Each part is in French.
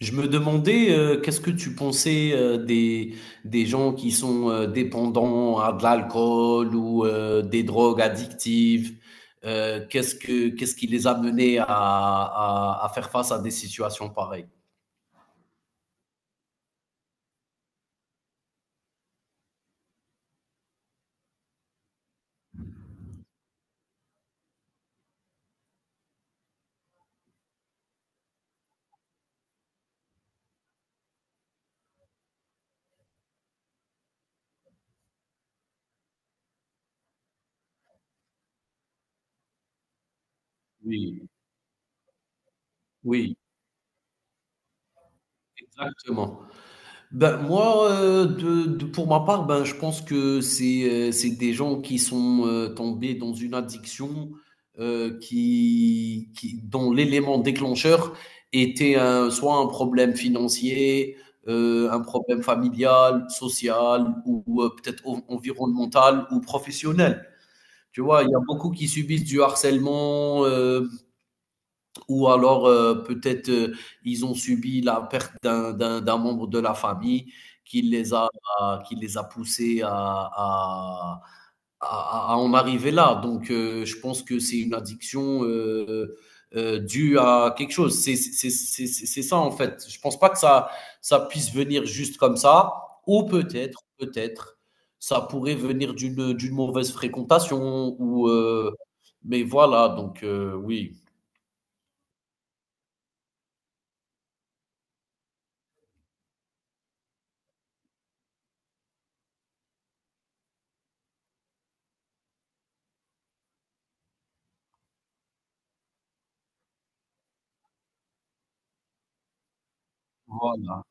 Je me demandais, qu'est-ce que tu pensais des gens qui sont dépendants à de l'alcool ou des drogues addictives? Qu'est-ce qui les a menés à faire face à des situations pareilles? Oui, oui, exactement. Ben, moi, pour ma part, ben, je pense que c'est des gens qui sont tombés dans une addiction dont l'élément déclencheur était soit un problème financier, un problème familial, social peut-être environnemental ou professionnel. Tu vois, il y a beaucoup qui subissent du harcèlement, ou alors peut-être ils ont subi la perte d'un membre de la famille qui qui les a poussés à en arriver là. Donc je pense que c'est une addiction due à quelque chose. C'est ça en fait. Je pense pas que ça puisse venir juste comme ça, ou peut-être, ça pourrait venir d'une mauvaise fréquentation, ou mais voilà, donc oui. Voilà.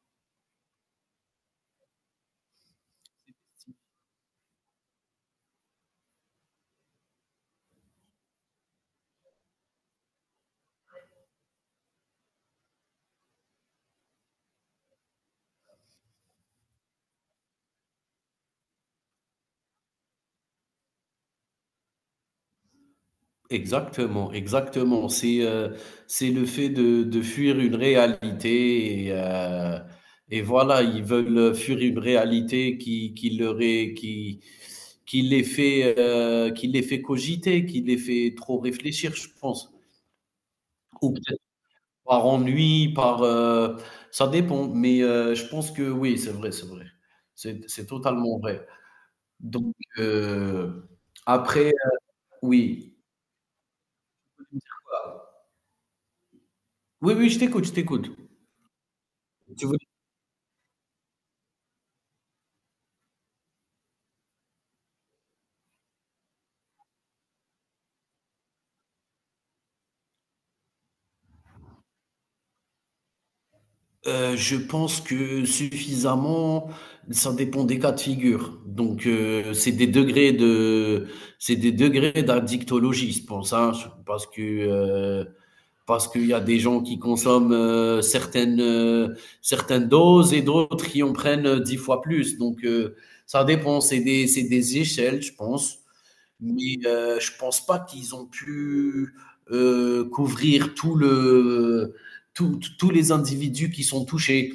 Exactement, exactement. C'est le fait de fuir une réalité et voilà, ils veulent fuir une réalité qui les fait cogiter, qui les fait trop réfléchir, je pense. Ou peut-être par ennui, par ça dépend. Mais je pense que oui, c'est vrai, c'est vrai. C'est totalement vrai. Donc après, oui. Oui, oui, je t'écoute, je t'écoute. Tu veux je pense que suffisamment, ça dépend des cas de figure. Donc, c'est des degrés de, c'est des degrés d'addictologie, je pense, hein, parce que parce qu'il y a des gens qui consomment certaines certaines doses et d'autres qui en prennent dix fois plus. Donc, ça dépend. C'est des échelles, je pense, mais je pense pas qu'ils ont pu couvrir tout le, tout- tout- tous les individus qui sont touchés.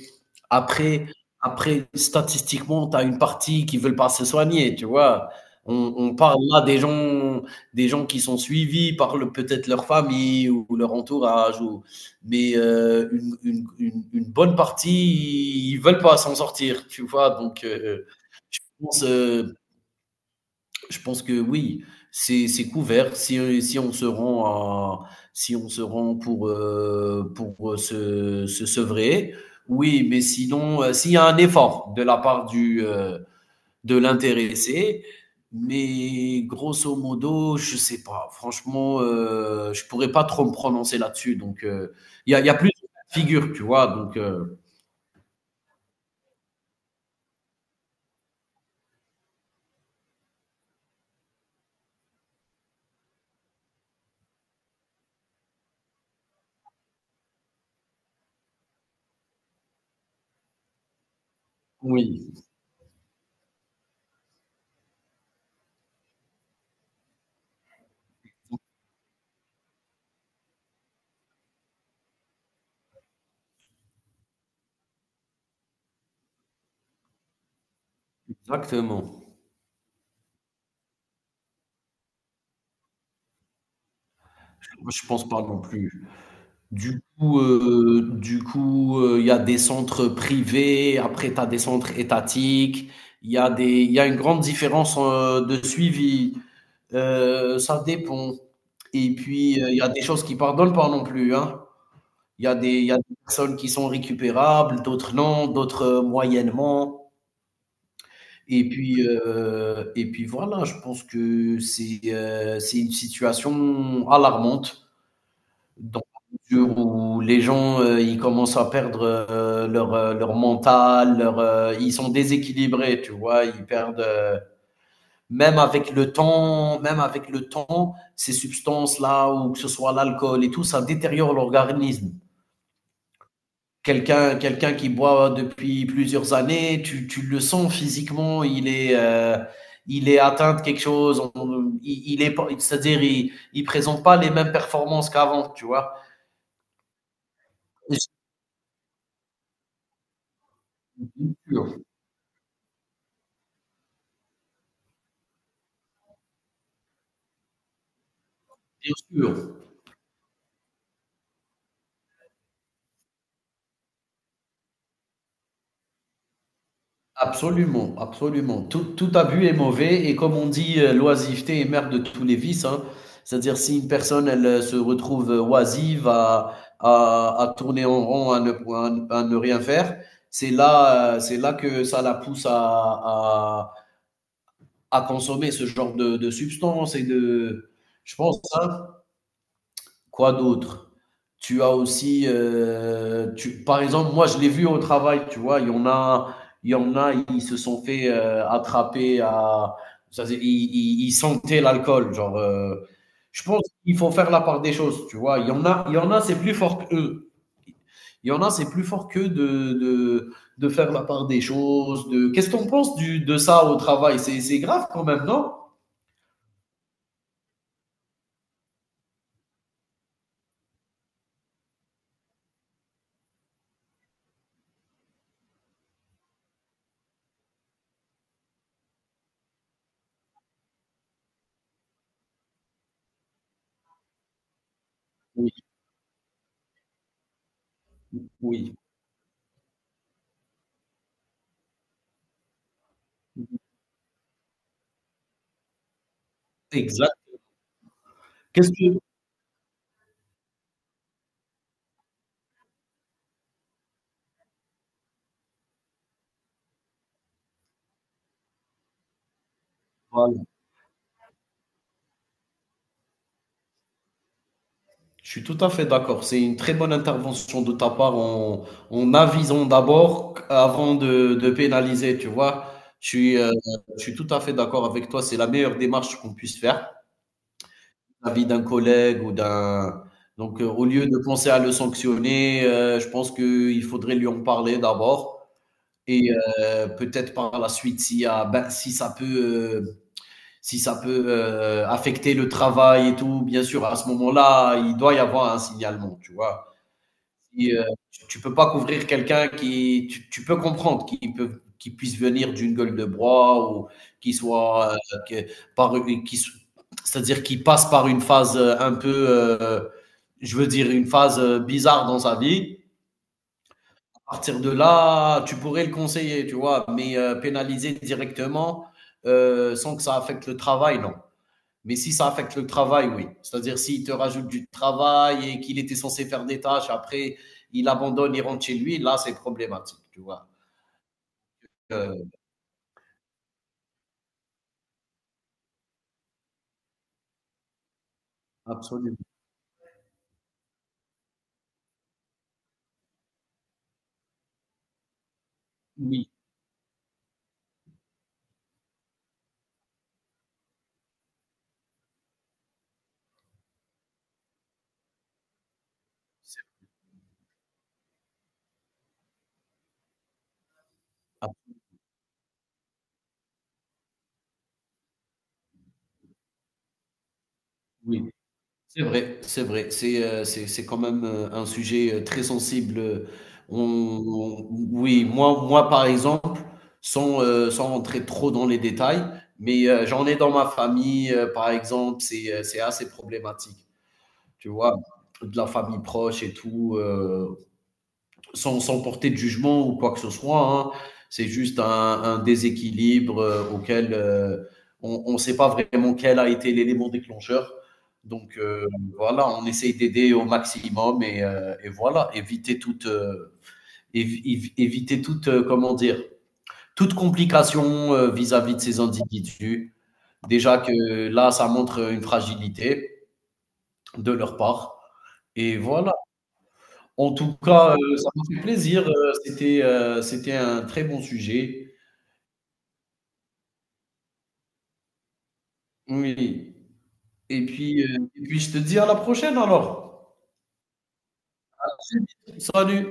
Après, après statistiquement, tu as une partie qui veulent pas se soigner, tu vois. On parle là des gens qui sont suivis par peut-être leur famille ou leur entourage, ou, mais une bonne partie, ils veulent pas s'en sortir, tu vois. Donc, je pense, euh, je pense que oui, c'est couvert. Si on se rend à si on se rend pour, se sevrer, oui, mais sinon, s'il y a un effort de la part du, de l'intéressé, mais grosso modo, je sais pas. Franchement, je pourrais pas trop me prononcer là-dessus donc il y a plusieurs de figure, tu vois? Donc oui, exactement. Moi, je pense pas non plus. Du coup, il y a des centres privés, après tu as des centres étatiques, il y a une grande différence, de suivi, ça dépend, et puis, il y a des choses qui pardonnent pas non plus, hein. Il y a des personnes qui sont récupérables, d'autres non, d'autres, moyennement, et puis, heu, et puis voilà, je pense que c'est une situation alarmante. Dans la mesure où les gens, ils commencent à perdre, leur, leur mental, leur, ils sont déséquilibrés, tu vois? Ils perdent, même avec le temps, ces substances-là ou que ce soit l'alcool et tout, ça détériore l'organisme. Quelqu'un qui boit depuis plusieurs années, tu le sens physiquement, il est atteint de quelque chose, on il est pas c'est-à-dire il présente pas les mêmes performances qu'avant, tu vois? Et c'est- Bien sûr, absolument, absolument. Tout abus est mauvais et comme on dit, l'oisiveté est mère de tous les vices, hein. C'est-à-dire si une personne, elle, se retrouve, oisive à tourner en rond, à ne rien faire, c'est là que ça la pousse à consommer ce genre de substances et de, je pense, hein. Quoi d'autre? Tu as aussi, tu par exemple, moi, je l'ai vu au travail, tu vois? Il y en a, ils se sont fait, attraper à, ça faisait ils sentaient l'alcool, genre, je pense qu'il faut faire la part des choses, tu vois? Il y en a, c'est plus fort qu'eux. Il y en a, c'est plus fort qu'eux de faire la part des choses, de qu'est-ce qu'on pense en du de ça au travail? C'est grave quand même, non? Oui, oui, exact. Qu'est-ce que voilà. Je suis tout à fait d'accord. C'est une très bonne intervention de ta part en, en avisant d'abord avant de pénaliser, tu vois. Je suis, euh, je suis tout à fait d'accord avec toi. C'est la meilleure démarche qu'on puisse faire. L'avis d'un collègue ou d'un... Donc, au lieu de penser à le sanctionner, je pense qu'il faudrait lui en parler d'abord. Et peut-être par la suite, si, ben, si ça peut, si ça peut affecter le travail et tout, bien sûr, à ce moment-là, il doit y avoir un signalement, tu vois. Qui, tu peux pas couvrir quelqu'un qui tu peux comprendre qu'il puisse venir d'une gueule de bois ou qu'il soit, que par une qui c'est-à-dire qu'il passe par une phase, un peu, je veux dire, une phase, bizarre dans sa vie. À partir de là, tu pourrais le conseiller, tu vois? Mais, pénaliser directement, sans que ça affecte le travail, non. Mais si ça affecte le travail, oui. C'est-à-dire s'il te rajoute du travail et qu'il était censé faire des tâches, après il abandonne, il rentre chez lui, là c'est problématique, tu vois. Euh, absolument. Oui, c'est ah, oui, c'est vrai, c'est vrai. C'est c'est quand même un sujet très sensible. Oui, moi par exemple, sans sans rentrer trop dans les détails, mais j'en ai dans ma famille par exemple, c'est assez problématique, tu vois, de la famille proche et tout. Euh, sans, sans porter de jugement ou quoi que ce soit. Hein. C'est juste un déséquilibre auquel on ne sait pas vraiment quel a été l'élément déclencheur. Donc voilà, on essaye d'aider au maximum et voilà, éviter toute, éviter toute, comment dire, toute complication vis-à-vis de ces individus. Déjà que là, ça montre une fragilité de leur part. Et voilà. En tout cas, ça m'a fait plaisir, c'était, c'était un très bon sujet. Oui, et puis, heu, et puis je te dis à la prochaine alors. Salut.